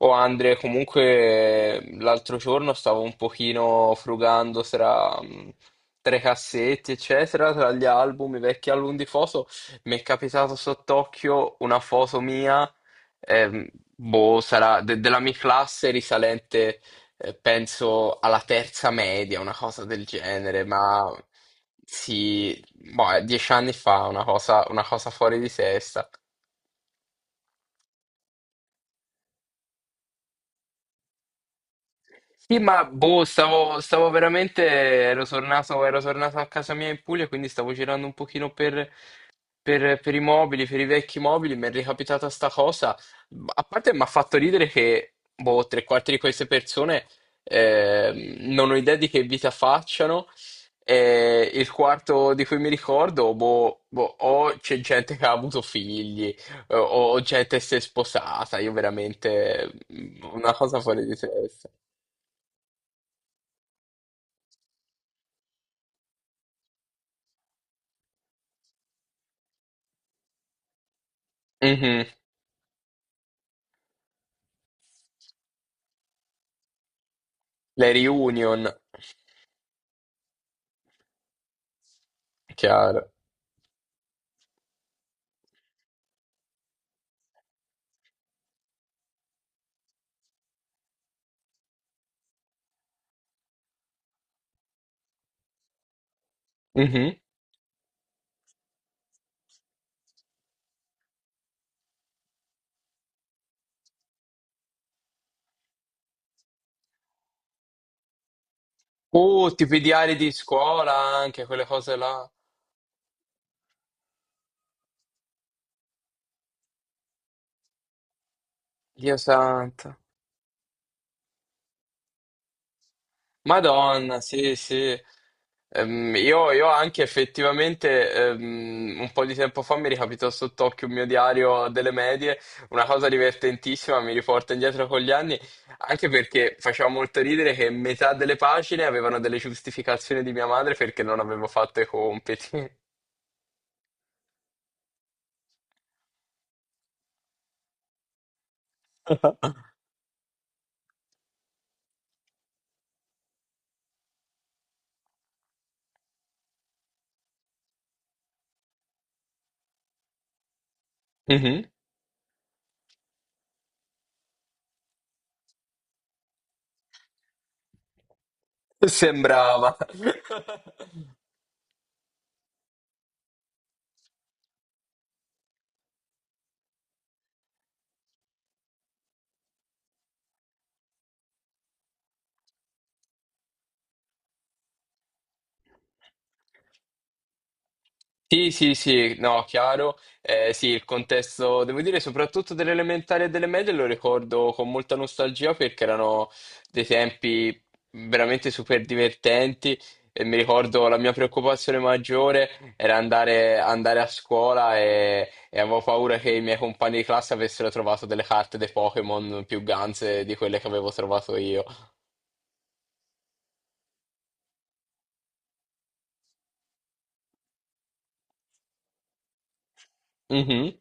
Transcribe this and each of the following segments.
Oh Andre, comunque l'altro giorno stavo un pochino frugando tra i cassetti, eccetera, tra gli album, i vecchi album di foto, mi è capitato sott'occhio una foto mia, ehm, boh, sarà della mia classe risalente, penso alla terza media, una cosa del genere, ma sì, boh, è dieci anni fa, una cosa fuori di testa. Sì, ma boh, stavo veramente, ero tornato a casa mia in Puglia, quindi stavo girando un pochino per, per i mobili, per i vecchi mobili, mi è ricapitata sta cosa. A parte mi ha fatto ridere che, boh, tre quarti di queste persone non ho idea di che vita facciano, e il quarto di cui mi ricordo, boh, o c'è gente che ha avuto figli, o gente che si è sposata, io veramente, una cosa fuori di testa. Mhm. Le reunion, chiaro. Mhm. Tipo i diari di scuola anche, quelle cose là. Dio santo. Madonna, sì, sì. Io anche effettivamente un po' di tempo fa mi ricapitò sott'occhio un mio diario delle medie, una cosa divertentissima, mi riporta indietro con gli anni, anche perché faceva molto ridere che metà delle pagine avevano delle giustificazioni di mia madre perché non avevo fatto i compiti. Mhm. Sembrava. Sì, sì, sì, no, chiaro. Sì, il contesto, devo dire, soprattutto delle elementari e delle medie lo ricordo con molta nostalgia perché erano dei tempi veramente super divertenti e mi ricordo la mia preoccupazione maggiore era andare, andare a scuola e avevo paura che i miei compagni di classe avessero trovato delle carte dei Pokémon più ganze di quelle che avevo trovato io. Mhm.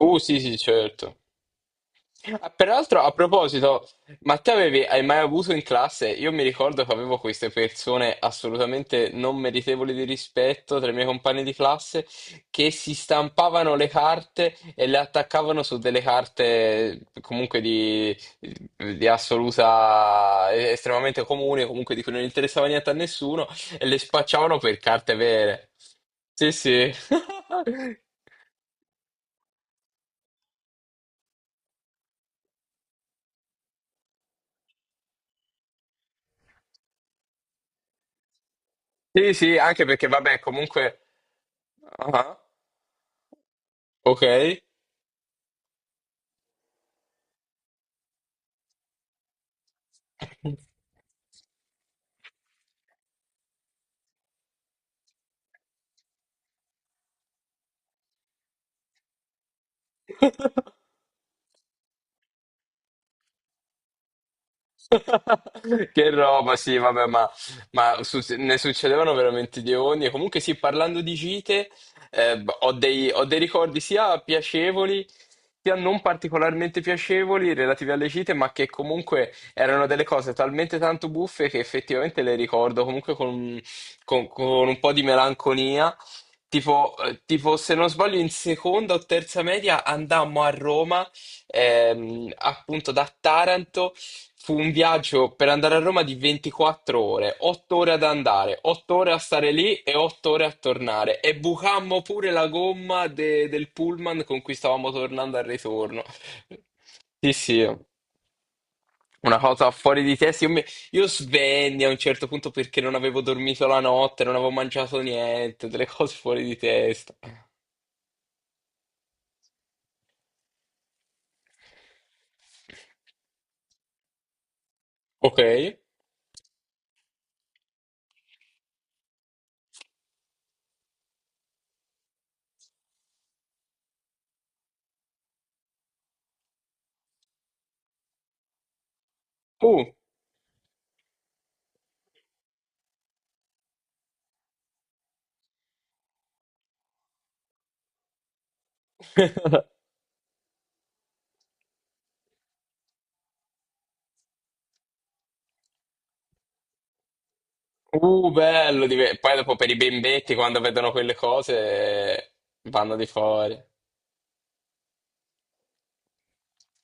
Sì, sì, certo. Ah, peraltro, a proposito, ma te avevi, hai mai avuto in classe? Io mi ricordo che avevo queste persone assolutamente non meritevoli di rispetto tra i miei compagni di classe che si stampavano le carte e le attaccavano su delle carte comunque di assoluta, estremamente comune, comunque di cui non interessava niente a nessuno e le spacciavano per carte vere. Sì, sì. Sì, sì, anche perché vabbè, comunque... Ah, ah, ok. Che roba, sì, vabbè, ma, ne succedevano veramente di ogni. E comunque, sì, parlando di gite, ho dei ricordi sia piacevoli, sia non particolarmente piacevoli relativi alle gite, ma che comunque erano delle cose talmente tanto buffe che effettivamente le ricordo comunque con, con un po' di melanconia. Tipo, tipo, se non sbaglio, in seconda o terza media andammo a Roma. Ehm, appunto da Taranto. Fu un viaggio per andare a Roma di 24 ore, 8 ore ad andare, 8 ore a stare lì e 8 ore a tornare. E bucammo pure la gomma del pullman con cui stavamo tornando al ritorno. Sì, sì, una cosa fuori di testa. Io svenni a un certo punto perché non avevo dormito la notte, non avevo mangiato niente, delle cose fuori di testa. Ok. Uh. Bello! Poi dopo per i bimbetti, quando vedono quelle cose, vanno di fuori.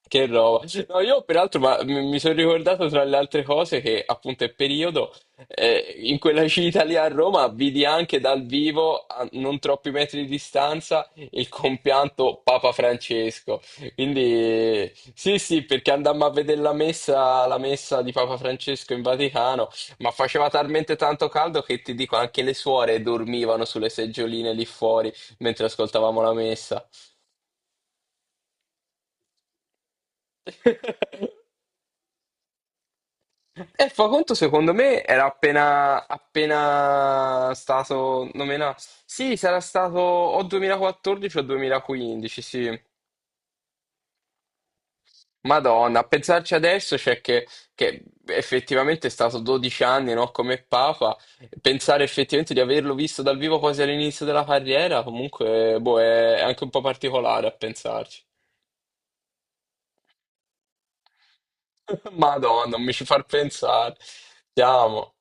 Che roba. No, io peraltro, ma mi sono ricordato tra le altre cose che appunto è periodo in quella gita lì a Roma vidi anche dal vivo, a non troppi metri di distanza, il compianto Papa Francesco. Quindi sì, sì, perché andammo a vedere la messa di Papa Francesco in Vaticano, ma faceva talmente tanto caldo che ti dico anche le suore dormivano sulle seggioline lì fuori mentre ascoltavamo la messa. E fa conto, secondo me, era appena, appena stato nominato. Sì, sarà stato o 2014 o 2015, sì. Madonna, a pensarci adesso c'è che effettivamente è stato 12 anni, no, come Papa. Pensare effettivamente di averlo visto dal vivo quasi all'inizio della carriera, comunque, boh, è anche un po' particolare a pensarci. Madonna, non mi ci far pensare. Siamo.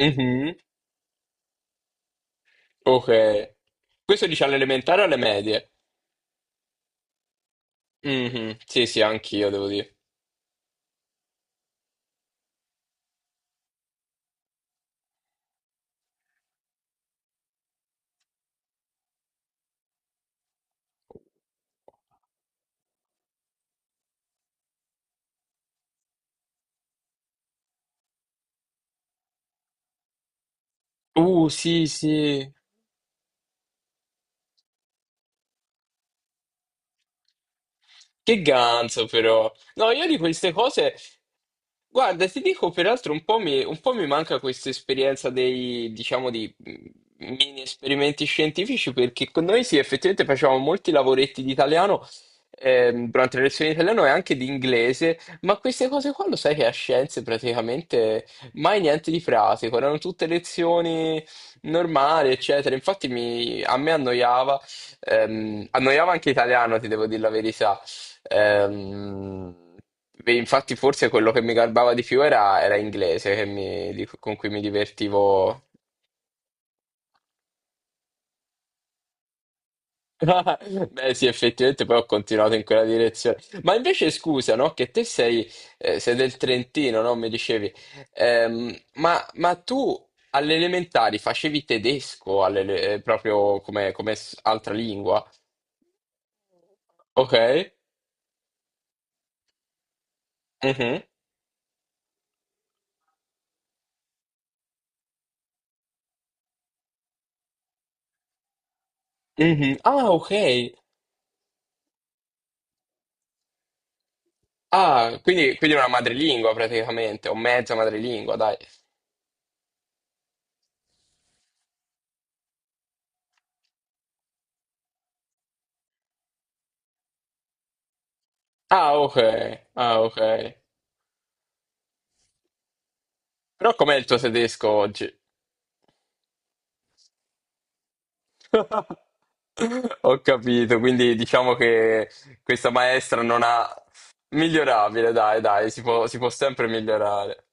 Mhm, ok. Questo dice alle elementari o alle medie? Mhm. Sì, sì, anch'io devo dire. Sì, sì. Che ganzo però. No, io di queste cose, guarda, ti dico peraltro un po' mi manca questa esperienza dei, diciamo, di mini esperimenti scientifici perché con noi sì, effettivamente facevamo molti lavoretti di italiano durante le lezioni di italiano e anche di inglese, ma queste cose qua lo sai che a scienze praticamente mai niente di pratico, erano tutte lezioni normali, eccetera. Infatti a me annoiava. Annoiava anche italiano, ti devo dire la verità. Ehm, beh, infatti forse quello che mi garbava di più era inglese, che con cui mi divertivo. Beh, sì, effettivamente poi ho continuato in quella direzione. Ma invece scusa, no? Che te sei, sei del Trentino, no? Mi dicevi. Ma tu alle elementari facevi tedesco proprio come, altra lingua? Ok? Mhm. Mhm. Ah, ok. Ah, quindi, quindi è una madrelingua praticamente, o mezza madrelingua, dai. Ah, ok, ah, ok. Però com'è il tuo tedesco oggi? Ho capito, quindi diciamo che questa maestra non ha... Migliorabile, dai, dai, si può sempre migliorare.